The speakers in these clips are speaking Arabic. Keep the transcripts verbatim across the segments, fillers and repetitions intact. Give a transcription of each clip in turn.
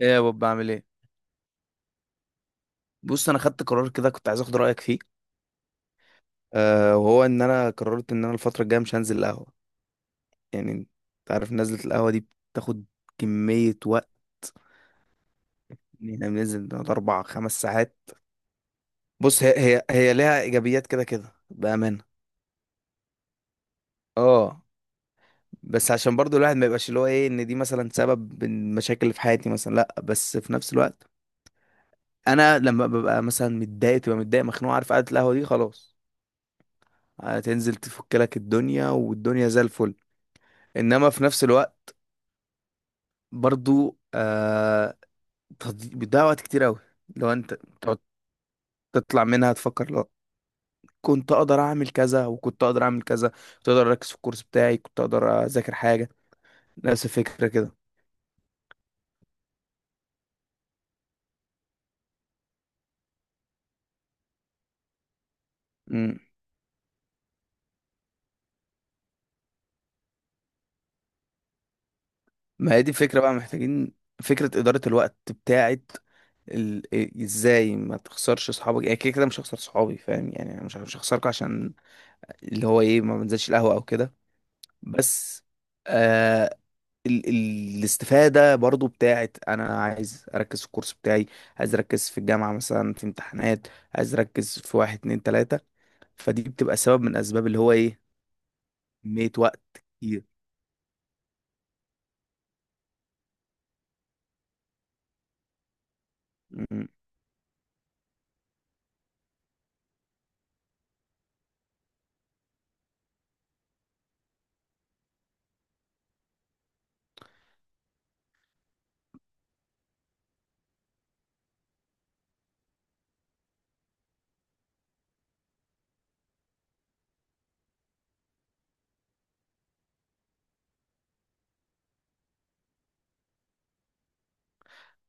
ايه يا بوب، بعمل ايه؟ بص، انا خدت قرار كده. كنت عايز اخد رايك فيه. أه، وهو ان انا قررت ان انا الفتره الجايه مش هنزل القهوه. يعني انت عارف، نزله القهوه دي بتاخد كميه وقت. ان احنا بننزل بنقعد اربع خمس ساعات. بص، هي هي هي ليها ايجابيات كده كده بامانه. اه، بس عشان برضو الواحد ما يبقاش اللي هو ايه، ان دي مثلا سبب المشاكل اللي في حياتي مثلا، لا. بس في نفس الوقت انا لما ببقى مثلا متضايق، تبقى متضايق مخنوق، عارف، قعده القهوه دي خلاص، هتنزل تفك لك الدنيا والدنيا زي الفل. انما في نفس الوقت برضو آه تض- بيضيع وقت كتير قوي لو انت تقعد تطلع منها تفكر، لو كنت اقدر اعمل كذا وكنت اقدر اعمل كذا، كنت اقدر اركز في الكورس بتاعي، كنت اقدر اذاكر حاجه. نفس الفكره كده. مم. ما هي دي الفكره بقى، محتاجين فكره اداره الوقت بتاعت ال... إيه- ازاي ما تخسرش اصحابك. يعني كده كده مش هخسر صحابي، فاهم يعني، أنا مش مش هخسركم عشان اللي هو ايه ما بنزلش القهوه او كده. بس آه، ال ال الاستفادة برضو بتاعت، أنا عايز أركز في الكورس بتاعي. عايز أركز في الجامعة مثلا، في امتحانات. عايز أركز في واحد اتنين تلاتة. فدي بتبقى سبب من أسباب اللي هو إيه، كمية وقت كتير. م-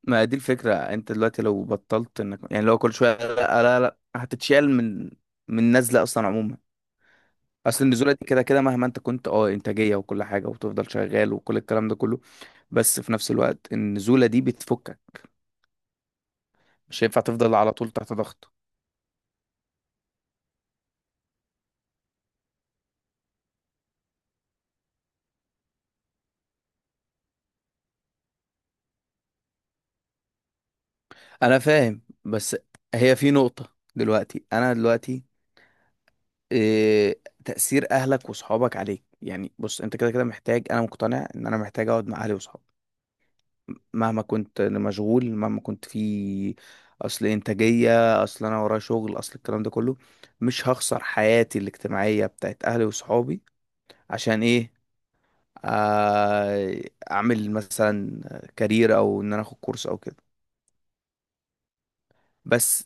ما دي الفكرة، أنت دلوقتي لو بطلت إنك، يعني لو كل شوية، لا لا لا، هتتشال من من نزلة أصلا عموما. أصل النزولة دي كده كده، مهما أنت كنت أه إنتاجية وكل حاجة وتفضل شغال وكل الكلام ده كله، بس في نفس الوقت النزولة دي بتفكك. مش هينفع تفضل على طول تحت ضغط. انا فاهم، بس هي في نقطة دلوقتي، انا دلوقتي إيه تأثير اهلك وصحابك عليك، يعني بص، انت كده كده محتاج. انا مقتنع ان انا محتاج اقعد مع اهلي وصحابي، مهما كنت مشغول، مهما كنت في اصل انتاجية، اصل انا ورايا شغل، اصل الكلام ده كله. مش هخسر حياتي الاجتماعية بتاعت اهلي وصحابي عشان ايه، آه، اعمل مثلا كارير، او ان انا اخد كورس او كده. بس.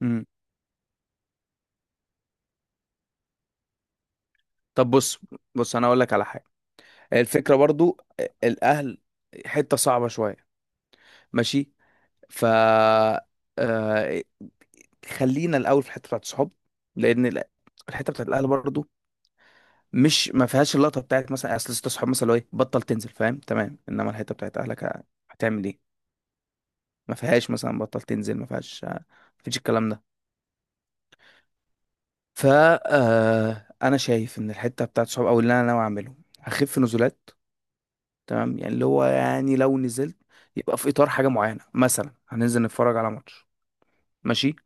مم. طب، بص. بص انا اقول لك على حاجة. الفكرة برضو، آه، الأهل حتة صعبة شوية، ماشي. ف، آه، خلينا الأول في الحتة بتاعت الصحاب، لأن ال- الحتة بتاعت الأهل برضو، مش ما فيهاش اللقطة بتاعت مثلا، أصل ست صحاب مثلا لو إيه بطل تنزل، فاهم، تمام، إنما الحتة بتاعت أهلك ه- هتعمل إيه. ما فيهاش مثلا بطل تنزل، ما فيهاش آه، ما فيش الكلام ده. ف آه، أنا شايف إن الحتة بتاعت الصحاب، أو اللي أنا ناوي أعمله، هخف نزولات. تمام، يعني اللي هو يعني لو نزلت، يبقى في اطار حاجه معينه، مثلا هننزل نتفرج على ماتش، ماشي،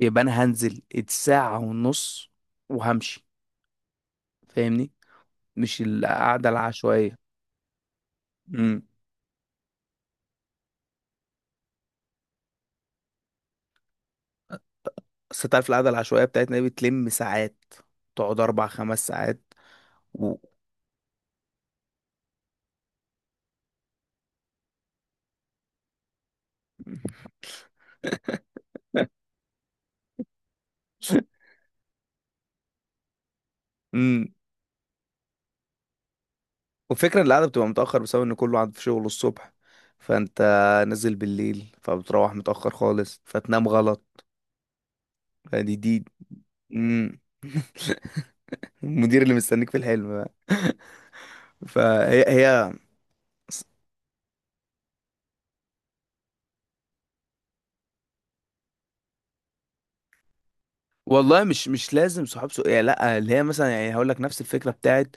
يبقى انا هنزل الساعه ونص وهمشي، فاهمني. مش القعده العشوائيه. امم. بس انت عارف القعده العشوائيه بتاعتنا دي بتلم ساعات، تقعد اربع خمس ساعات. و... امم. وفكرة ان القعدة بتبقى متأخر بسبب ان كله قاعد في شغله الصبح، فانت نازل بالليل، فبتروح متأخر خالص فتنام غلط. فدي دي، امم. المدير اللي مستنيك في الحلم بقى. فهي هي. والله، مش مش لازم صحاب سوء يعني، لا، اللي هي مثلا يعني هقول لك نفس الفكره بتاعت،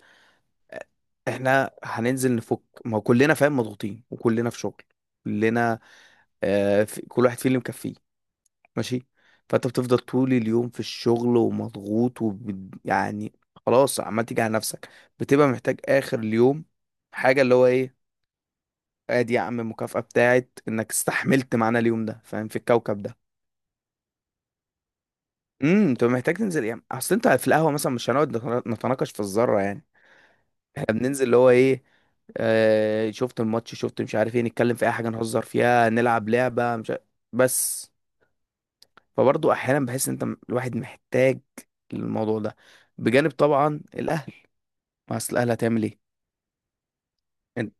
احنا هننزل نفك، ما هو كلنا فاهم مضغوطين، وكلنا في شغل، كلنا آه في كل واحد فينا اللي مكفيه، ماشي. فانت بتفضل طول اليوم في الشغل ومضغوط وب... يعني، خلاص عمال تيجي على نفسك، بتبقى محتاج اخر اليوم حاجه اللي هو ايه، ادي يا عم المكافاه بتاعت انك استحملت معانا اليوم ده، فاهم، في الكوكب ده. امم. انت محتاج تنزل، يعني اصل انت في القهوه مثلا مش هنقعد نتنا- نتناقش في الذره يعني، احنا بننزل اللي هو ايه، آه، شفت الماتش شفت مش عارف ايه، نتكلم في اي حاجه، نهزر فيها، نلعب لعبه مش عارف. بس فبرضه احيانا بحس ان انت، م- الواحد محتاج الموضوع ده، بجانب طبعا الاهل. ما اصل الاهل هتعمل ايه، انت،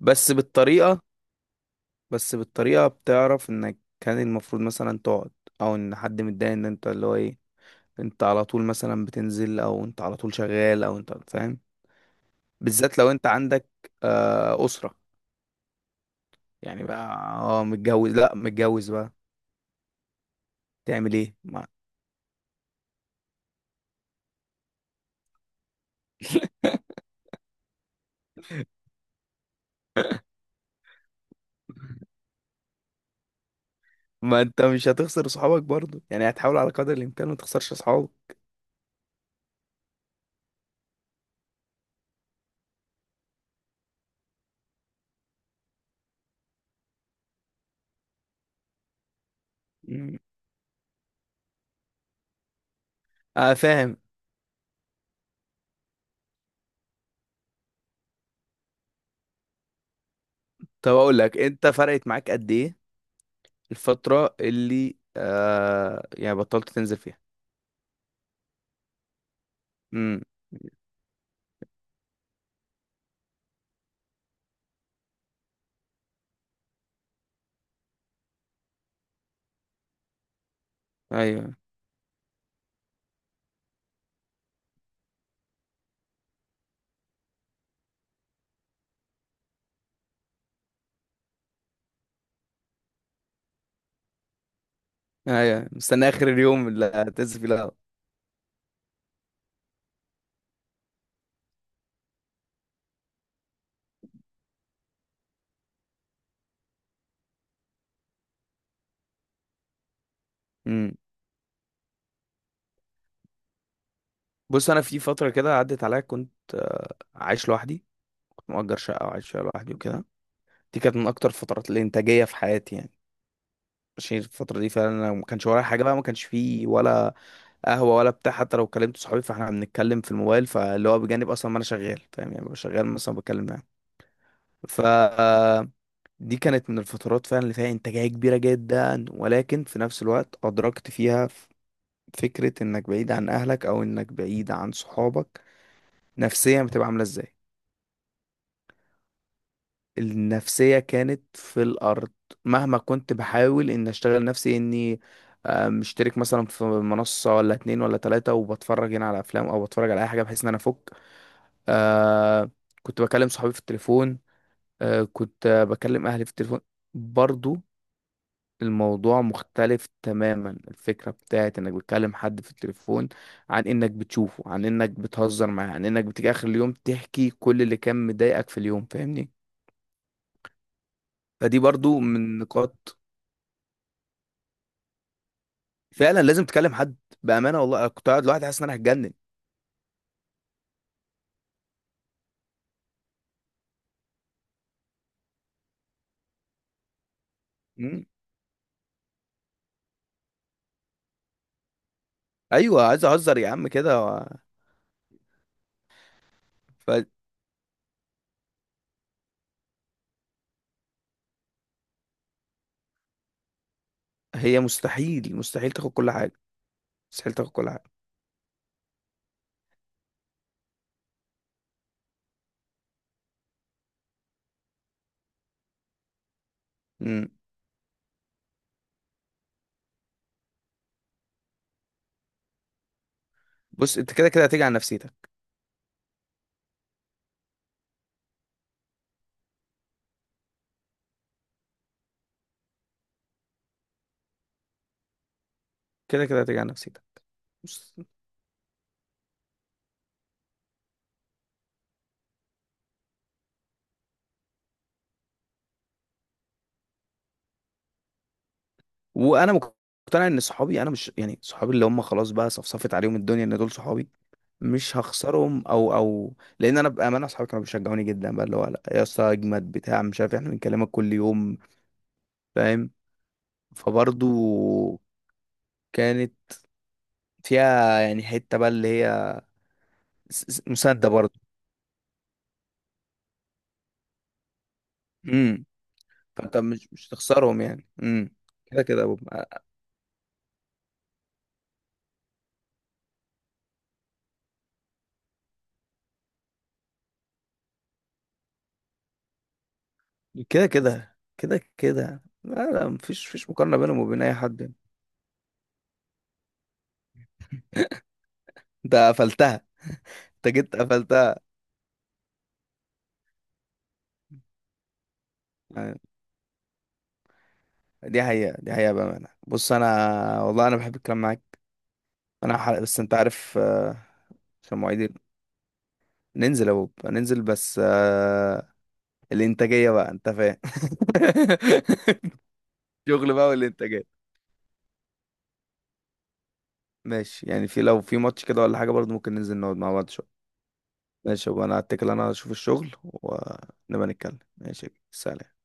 بس بالطريقه بس بالطريقه بتعرف انك كان المفروض مثلا تقعد، او ان حد متضايق ان انت اللي هو ايه، انت على طول مثلا بتنزل، او انت على طول شغال، او انت فاهم. بالذات لو انت عندك آه، اسره، يعني بقى اه متجوز، لا متجوز بقى، تعمل ايه ما, ما انت مش هتخسر صحابك برضو يعني، هتحاول على قدر الامكان ما تخسرش اصحابك. مم. اه فاهم. طب، اقول لك انت فرقت معاك قد ايه الفتره اللي آه يعني بطلت تنزل فيها؟ امم. ايوه، ايوه، مستني اخر اليوم اللي هتنزل فيه القهوة. امم. بص، انا في فتره كده عدت عليا، كنت آه، عايش لوحدي. كنت مأجر شقه وعايش فيها لوحدي وكده. دي كانت من اكتر الفترات الانتاجيه في حياتي يعني. ماشي، الفتره دي فعلا أنا ما كانش ورايا حاجه بقى، ما كانش فيه ولا قهوه ولا بتاع. حتى لو كلمت صحابي فاحنا بنتكلم في الموبايل، فاللي هو بجانب اصلا ما انا شغال، فاهم يعني، ببقى شغال مثلا بتكلم معاهم. ف دي كانت من الفترات فعلا اللي فيها انتاجيه كبيره جدا، ولكن في نفس الوقت ادركت فيها ف- فكره انك بعيد عن اهلك، او انك بعيد عن صحابك، نفسيا بتبقى عامله ازاي. النفسية كانت في الأرض، مهما كنت بحاول إن أشتغل نفسي إني آه، مشترك مثلا في منصة ولا اتنين ولا تلاتة، وبتفرج هنا على أفلام أو بتفرج على أي حاجة بحيث إن أنا أفك. آه كنت بكلم صحابي في التليفون. آه كنت آه، بكلم أهلي في التليفون برضو. الموضوع مختلف تماما، الفكرة بتاعت إنك بتكلم حد في التليفون عن إنك بتشوفه، عن إنك بتهزر معاه، عن إنك بتيجي آخر اليوم تحكي كل اللي كان مضايقك في اليوم، فاهمني. فدي برضو من نقاط، فعلا لازم تكلم حد. بامانه والله أنا كنت قاعد لوحدي حاسس ان انا هتجنن. مم. ايوه، عايز اهزر يا عم كده و- فهي، مستحيل مستحيل تاخد كل حاجه. مستحيل تاخد كل حاجه. مم. بص، انت كده كده هتيجي على نفسيتك. كده كده هتيجي على نفسيتك. بص. وانا مقتنع ان صحابي، انا مش يعني صحابي اللي هم خلاص بقى صفصفت عليهم الدنيا ان دول صحابي، مش هخسرهم، او او لان انا بامانه اصحابي كانوا بيشجعوني جدا بقى، اللي هو لا يا اسطى اجمد بتاع مش عارف إيه، احنا بنكلمك كل يوم، فاهم. فبرضو كانت فيها يعني حتة بقى اللي هي س- س- مسدة برضه. امم. فانت مش مش هتخسرهم يعني. امم. كده كده أبو- كده كده كده كده، لا لا، مفيش مفيش مقارنة بينهم وبين أي حد يعني. أنت قفلتها. أنت جيت قفلتها. آه، دي حقيقة، دي حقيقة بأمانة. بص أنا، والله أنا بحب الكلام معاك. أنا حلق بس أنت عارف، آه، عشان مواعيدي. ننزل يا بوب، ننزل بس، آه، الإنتاجية بقى، أنت فاهم. شغل بقى والإنتاجية. ماشي، يعني في لو في ماتش كده ولا حاجة برضه، ممكن ننزل نقعد مع بعض شوية. ماشي، وانا هتكل، انا اشوف الشغل ونبقى نتكلم. ماشي، سلام.